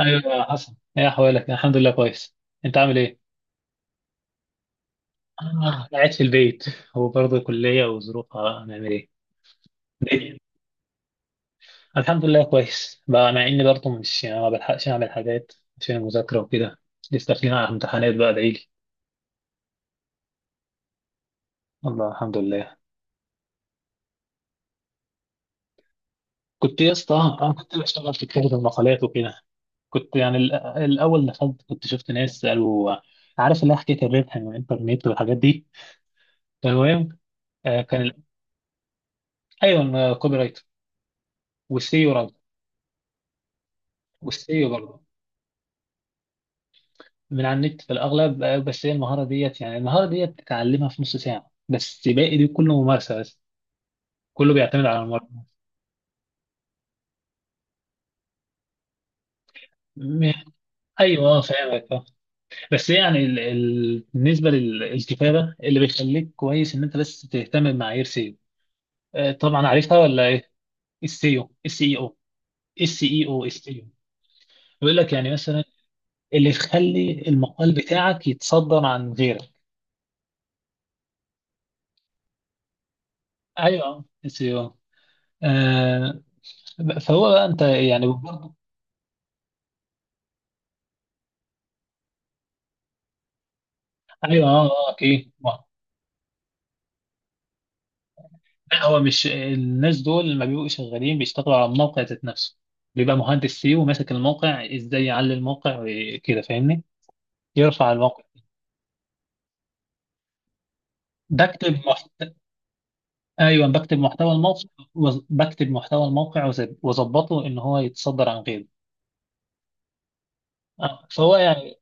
ايوه، حصل ايه؟ احوالك؟ الحمد لله كويس. انت عامل ايه؟ آه، قاعد في البيت. وبرضه كلية وظروفها، هنعمل ايه؟ الدنيا الحمد لله كويس، بقى مع اني برضه مش يعني ما بلحقش اعمل حاجات عشان المذاكرة وكده. لسه داخلين على امتحانات بقى، ادعيلي. الله، الحمد لله. كنت يا اسطى، انا كنت بشتغل في كتابة المقالات وكده. كنت يعني الاول دخلت، كنت شفت ناس قالوا، عارف اللي هي حكاية الربح من الانترنت والحاجات دي. فالمهم، كان ايوه، كوبي رايت والسيو رايت، والسيو برضه، من على النت في الأغلب. بس هي المهارة ديت، يعني المهارة ديت تتعلمها في نص ساعة، بس باقي دي كله ممارسة بس. كله بيعتمد على الممارسة. م- أيوه، فاهمك آه. بس يعني بالنسبة للكتابة، اللي بيخليك كويس إن أنت بس تهتم بمعايير سيو. طبعا عارفها ولا إيه؟ السيو، SEO. السي إي أو، السيو. بيقول لك يعني مثلا اللي يخلي المقال بتاعك يتصدر عن غيرك. أيوه، السيو. آه، فهو بقى انت يعني برضه، ايوه اه اه اكيد لا، هو مش الناس دول لما بيبقوا شغالين بيشتغلوا على الموقع ذات نفسه. بيبقى مهندس سي وماسك الموقع، ازاي يعلي الموقع وكده، فاهمني؟ يرفع الموقع. بكتب محت... ايوه، بكتب محتوى الموقع بكتب محتوى الموقع واظبطه ان هو يتصدر عن غيره. فهو يعني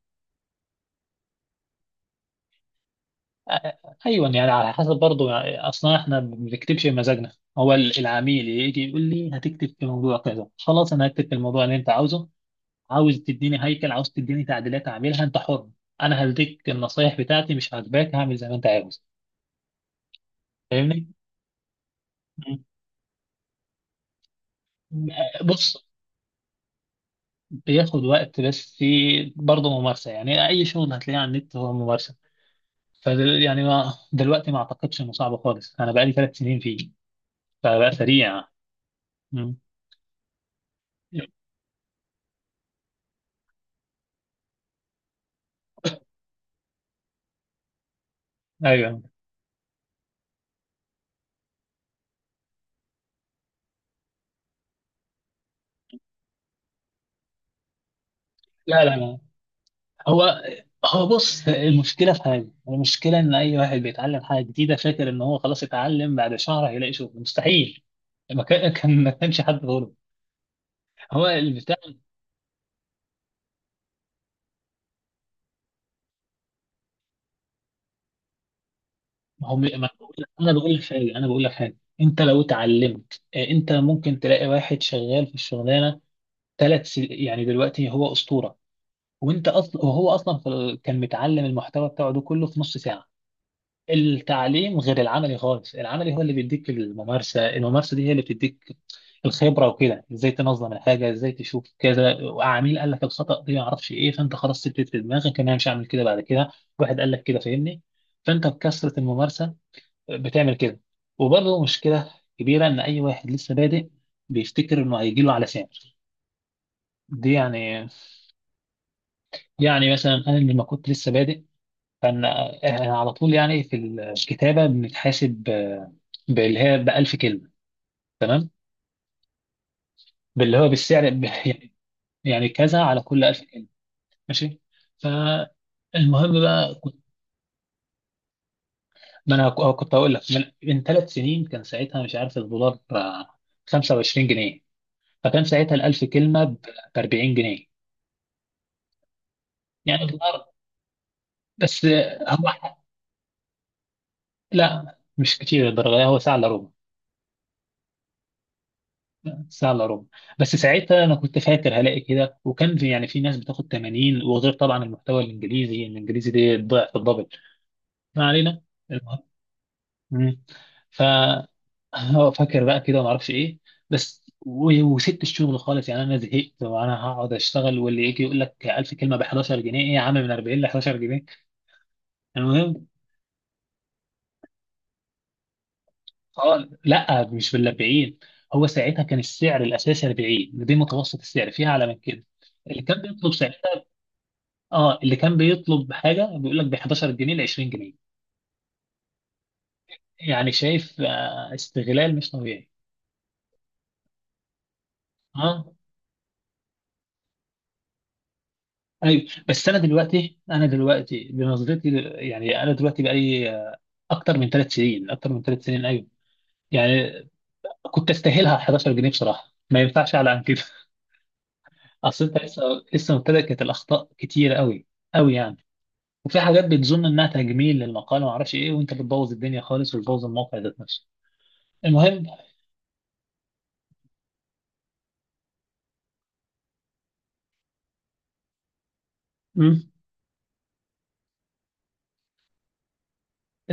آه، ايوه، يعني على حسب برضه. يعني اصلا احنا ما بنكتبش بمزاجنا. هو العميل يجي يقول لي هتكتب في موضوع كذا، خلاص انا هكتب في الموضوع اللي انت عاوزه. عاوز تديني هيكل، عاوز تديني تعديلات اعملها، انت حر. انا هديك النصايح بتاعتي، مش عاجباك هعمل زي ما انت عاوز، فاهمني؟ مم. بص، بياخد وقت، بس برضه ممارسة. يعني أي شغل هتلاقيه على النت هو ممارسة. ف يعني ما دلوقتي ما أعتقدش إنه صعب خالص، أنا بقالي 3 سنين فيه، فبقى سريع. مم. أيوه. لا لا لا. هو، هو بص، المشكلة في حاجة، المشكلة إن أي واحد بيتعلم حاجة جديدة فاكر إن هو خلاص اتعلم بعد شهر هيلاقي شغل، مستحيل. ما كانش حد غلط، هو البتاع. ما هو ما أنا بقول أنا بقول لك حاجة، أنت لو اتعلمت، أنت ممكن تلاقي واحد شغال في الشغلانة 3 سنين، يعني دلوقتي هو أسطورة. وأنت أصلا، وهو أصلا في كان متعلم المحتوى بتاعه ده كله في نص ساعة. التعليم غير العملي خالص، العملي هو اللي بيديك الممارسة. الممارسة دي هي اللي بتديك الخبرة وكده، ازاي تنظم الحاجة، ازاي تشوف كذا، وعميل قال لك الخطأ دي ما اعرفش ايه، فانت خلاص سبت في دماغك ان انا مش هعمل كده بعد كده، واحد قال لك كده، فاهمني؟ فانت بكثرة الممارسة بتعمل كده. وبرضه مشكلة كبيرة ان اي واحد لسه بادئ بيفتكر انه هيجي له على سعر دي. يعني يعني مثلا انا لما كنت لسه بادئ، كان على طول يعني في الكتابة بنتحاسب باللي هي ب 1000 كلمة، تمام؟ باللي هو بالسعر يعني، يعني كذا على كل 1000 كلمة، ماشي. فالمهم بقى كنت، ما انا كنت هقول لك من، من 3 سنين، كان ساعتها مش عارف، الدولار ب 25 جنيه، فكان ساعتها ال 1000 كلمة ب 40 جنيه. يعني الدولار، بس آه، هو لا، مش كتير الدرجة، هو ساعة الا ربع، ان شاء الله رب. بس ساعتها انا كنت فاكر هلاقي كده، وكان في يعني في ناس بتاخد 80، وغير طبعا المحتوى الانجليزي، الانجليزي دي ضعف الدبل. ما علينا، المهم. مم. ف هو فاكر بقى كده وما اعرفش ايه، بس وسبت الشغل خالص. يعني انا زهقت، وانا هقعد اشتغل واللي يجي يقول لك 1000 كلمه ب 11 جنيه؟ ايه يا عم، من 40 ل 11 جنيه؟ المهم. اه لا، مش بال 40. هو ساعتها كان السعر الاساسي 40، دي متوسط السعر، فيها اعلى من كده. اللي كان بيطلب، اه اللي كان بيطلب حاجه بيقول لك ب 11 جنيه ل 20 جنيه، يعني شايف، آه، استغلال مش طبيعي. اه، ايوه. بس انا دلوقتي، انا دلوقتي بنظرتي يعني انا دلوقتي بقالي، اكتر من 3 سنين، ايوه، يعني كنت استاهلها 11 جنيه بصراحه، ما ينفعش اعلى عن كده. اصل انت لسه، لسه مبتدئ، كانت الاخطاء كتيره قوي، قوي يعني. وفي حاجات بتظن انها تجميل للمقال وما اعرفش ايه، وانت بتبوظ الدنيا خالص، وتبوظ الموقع ذات نفسه. المهم،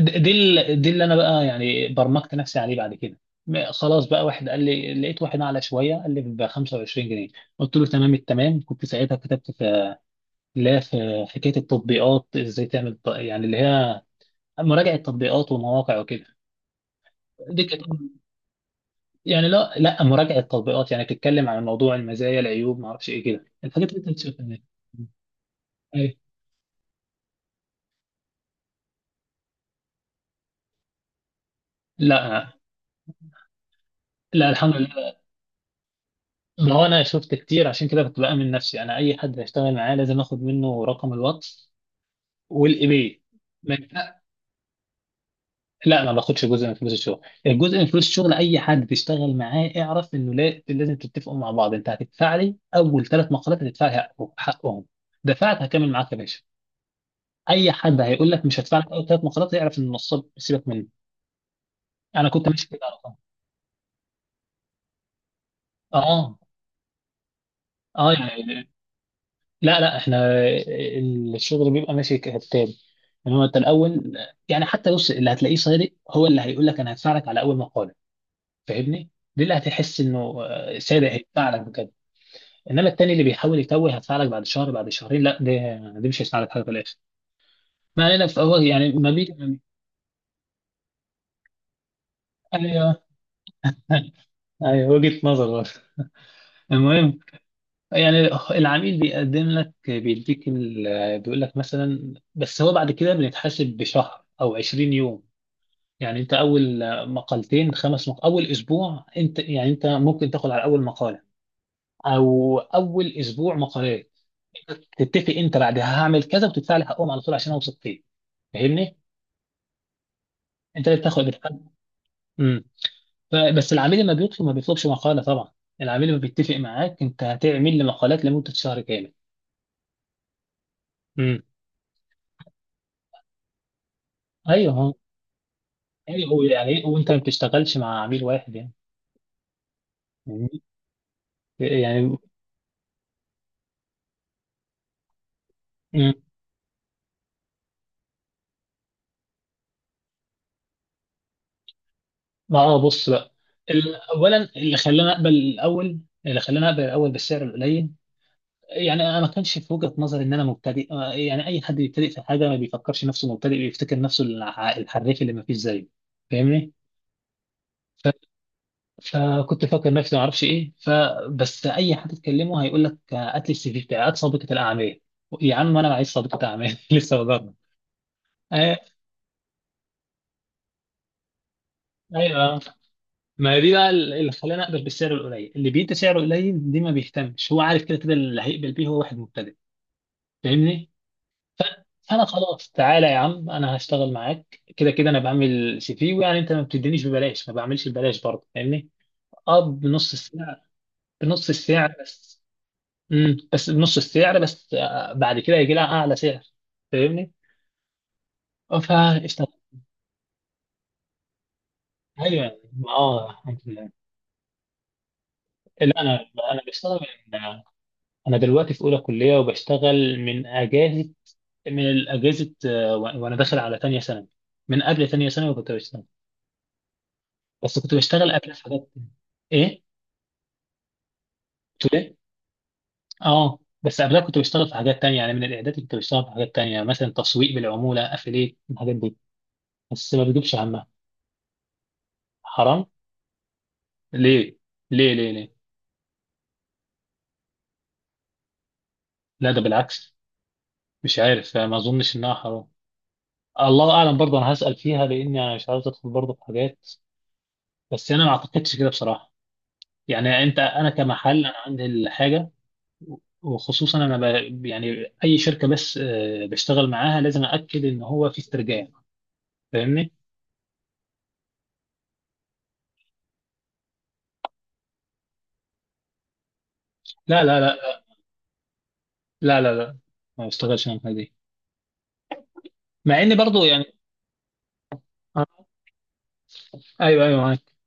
دي دي اللي انا بقى يعني برمجت نفسي عليه بعد كده. خلاص بقى، واحد قال لي، لقيت واحد اعلى شويه، قال لي ب 25 جنيه، قلت له تمام التمام. كنت ساعتها كتبت في، لا، في حكايه التطبيقات، ازاي تعمل يعني اللي هي مراجعه تطبيقات ومواقع وكده. دي كانت يعني، لا لا، مراجعه تطبيقات، يعني بتتكلم عن موضوع المزايا العيوب، ما اعرفش ايه كده، الحاجات اللي انت بتشوفها دي. أيوة. لا، لا الحمد لله. ما هو انا شفت كتير، عشان كده كنت بامن نفسي، انا اي حد هشتغل معاه لازم اخد منه رقم الواتس والايباي. ما ينفع- لا، ما باخدش جزء من فلوس الشغل. الجزء من فلوس الشغل، اي حد تشتغل معاه اعرف انه لا، لازم تتفقوا مع بعض، انت هتدفع لي اول 3 مقالات، هتدفع لي حقهم. دفعت، هكمل معاك يا باشا. اي حد هيقول لك مش هدفع لك اول 3 مقالات، يعرف ان النصاب، سيبك مني. انا كنت ماشي كده على طول. اه اه، يعني لا لا، احنا الشغل بيبقى ماشي كالتالي، ان هو انت الاول يعني، حتى بص، اللي هتلاقيه صادق هو اللي هيقول لك انا هدفع لك على اول مقاله، فاهمني؟ دي اللي هتحس انه آه، صادق هيدفع لك بجد. انما التاني اللي بيحاول يتوه، هدفع لك بعد شهر، بعد شهرين، لا ده، دي مش هيساعدك حاجه في الاخر. ما علينا، فهو يعني ما بي، ايوه ايوه، وجهه نظر برضه. المهم يعني، العميل بيقدم لك، بيديك بيقول لك مثلا، بس هو بعد كده بنتحاسب بشهر او 20 يوم. يعني انت اول اول اسبوع انت يعني، انت ممكن تاخد على اول مقاله، او اول اسبوع مقالات، تتفق انت بعدها هعمل كذا وتدفع لي حقهم على طول عشان اوثق فيه، فاهمني؟ انت اللي بتاخد الحق. امم. بس العميل لما بيطلب، ما بيطلبش مقاله طبعا. العميل لما بيتفق معاك انت هتعمل لي مقالات لمده شهر كامل. امم. ايوه هو، ايوه هو يعني، وانت ما بتشتغلش مع عميل واحد يعني، فاهمني؟ يعني. امم، ما اه بص بقى، اولا اللي خلاني اقبل الاول، بالسعر القليل، يعني انا ما كانش في وجهة نظري ان انا مبتدئ. يعني اي حد بيبتدئ في حاجه ما بيفكرش نفسه مبتدئ، بيفتكر نفسه الحريف اللي ما فيش زيه، فاهمني؟ ف... فكنت فاكر نفسي ما اعرفش ايه، فبس اي حد تكلمه هيقول لك آه، هات لي السي في بتاعي، هات سابقه الاعمال. يا عم انا عايز سابقه اعمال لسه بدرنا. آه، ايوه. ما هي دي بقى اللي خلاني اقبل بالسعر القليل. اللي بيدي سعره قليل دي ما بيهتمش، هو عارف كده كده اللي هيقبل بيه هو واحد مبتدئ، فاهمني؟ ف- فانا خلاص تعالى يا عم انا هشتغل معاك، كده كده انا بعمل سي في، ويعني انت ما بتدينيش ببلاش، ما بعملش ببلاش برضه، فاهمني؟ اه، بنص السعر، بنص السعر بس امم، بس بنص السعر بس، بعد كده يجي لها اعلى سعر، فاهمني؟ اه، فاشتغل. ايوه، اه الحمد لله. لا انا، انا بشتغل من، انا دلوقتي في اولى كليه، وبشتغل من اجازه، من الاجازه. وانا داخل على تانية ثانوي، من قبل تانية ثانوي كنت بشتغل، بس كنت بشتغل قبل في حاجات. ايه، تولي. اه، بس قبلها كنت بشتغل في حاجات تانية، يعني من الاعداد كنت بشتغل في حاجات تانية، مثلا تسويق بالعمولة، افيليت، الحاجات دي، بس ما بجيبش همها. حرام؟ ليه ليه ليه؟ لا، ده بالعكس، مش عارف يعني، ما اظنش انها حرام. الله اعلم، برضه انا هسأل فيها، لاني انا مش عاوز ادخل برضه في حاجات. بس انا ما اعتقدش كده بصراحة. يعني انت، انا كمحل انا عندي الحاجة. وخصوصا انا ب... يعني اي شركة بس آه، بشتغل معاها لازم اكد ان هو في استرجاع، فاهمني؟ لا، لا لا لا ما بشتغلش انا الحاجه دي، مع اني برضو يعني. آه، ايوه ايوه، معاك.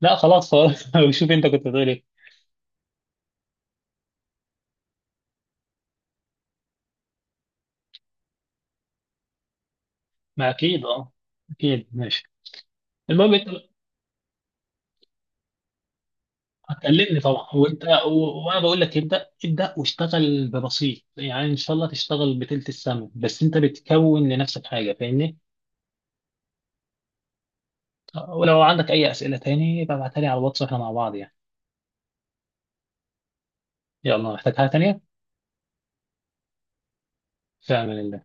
لا خلاص خلاص. شوف انت كنت بتقول ايه. ما اكيد اه، اكيد ماشي. المهم انت، هتكلمني طبعا، وانت و... وانا بقول لك ابدا ابدا، واشتغل ببسيط، يعني ان شاء الله تشتغل بتلت السما، بس انت بتكون لنفسك حاجه، فاهمني؟ ولو عندك اي اسئله تاني ببعتها لي على الواتس، واحنا مع بعض يعني. يلا، محتاج حاجه تانيه؟ في امان الله.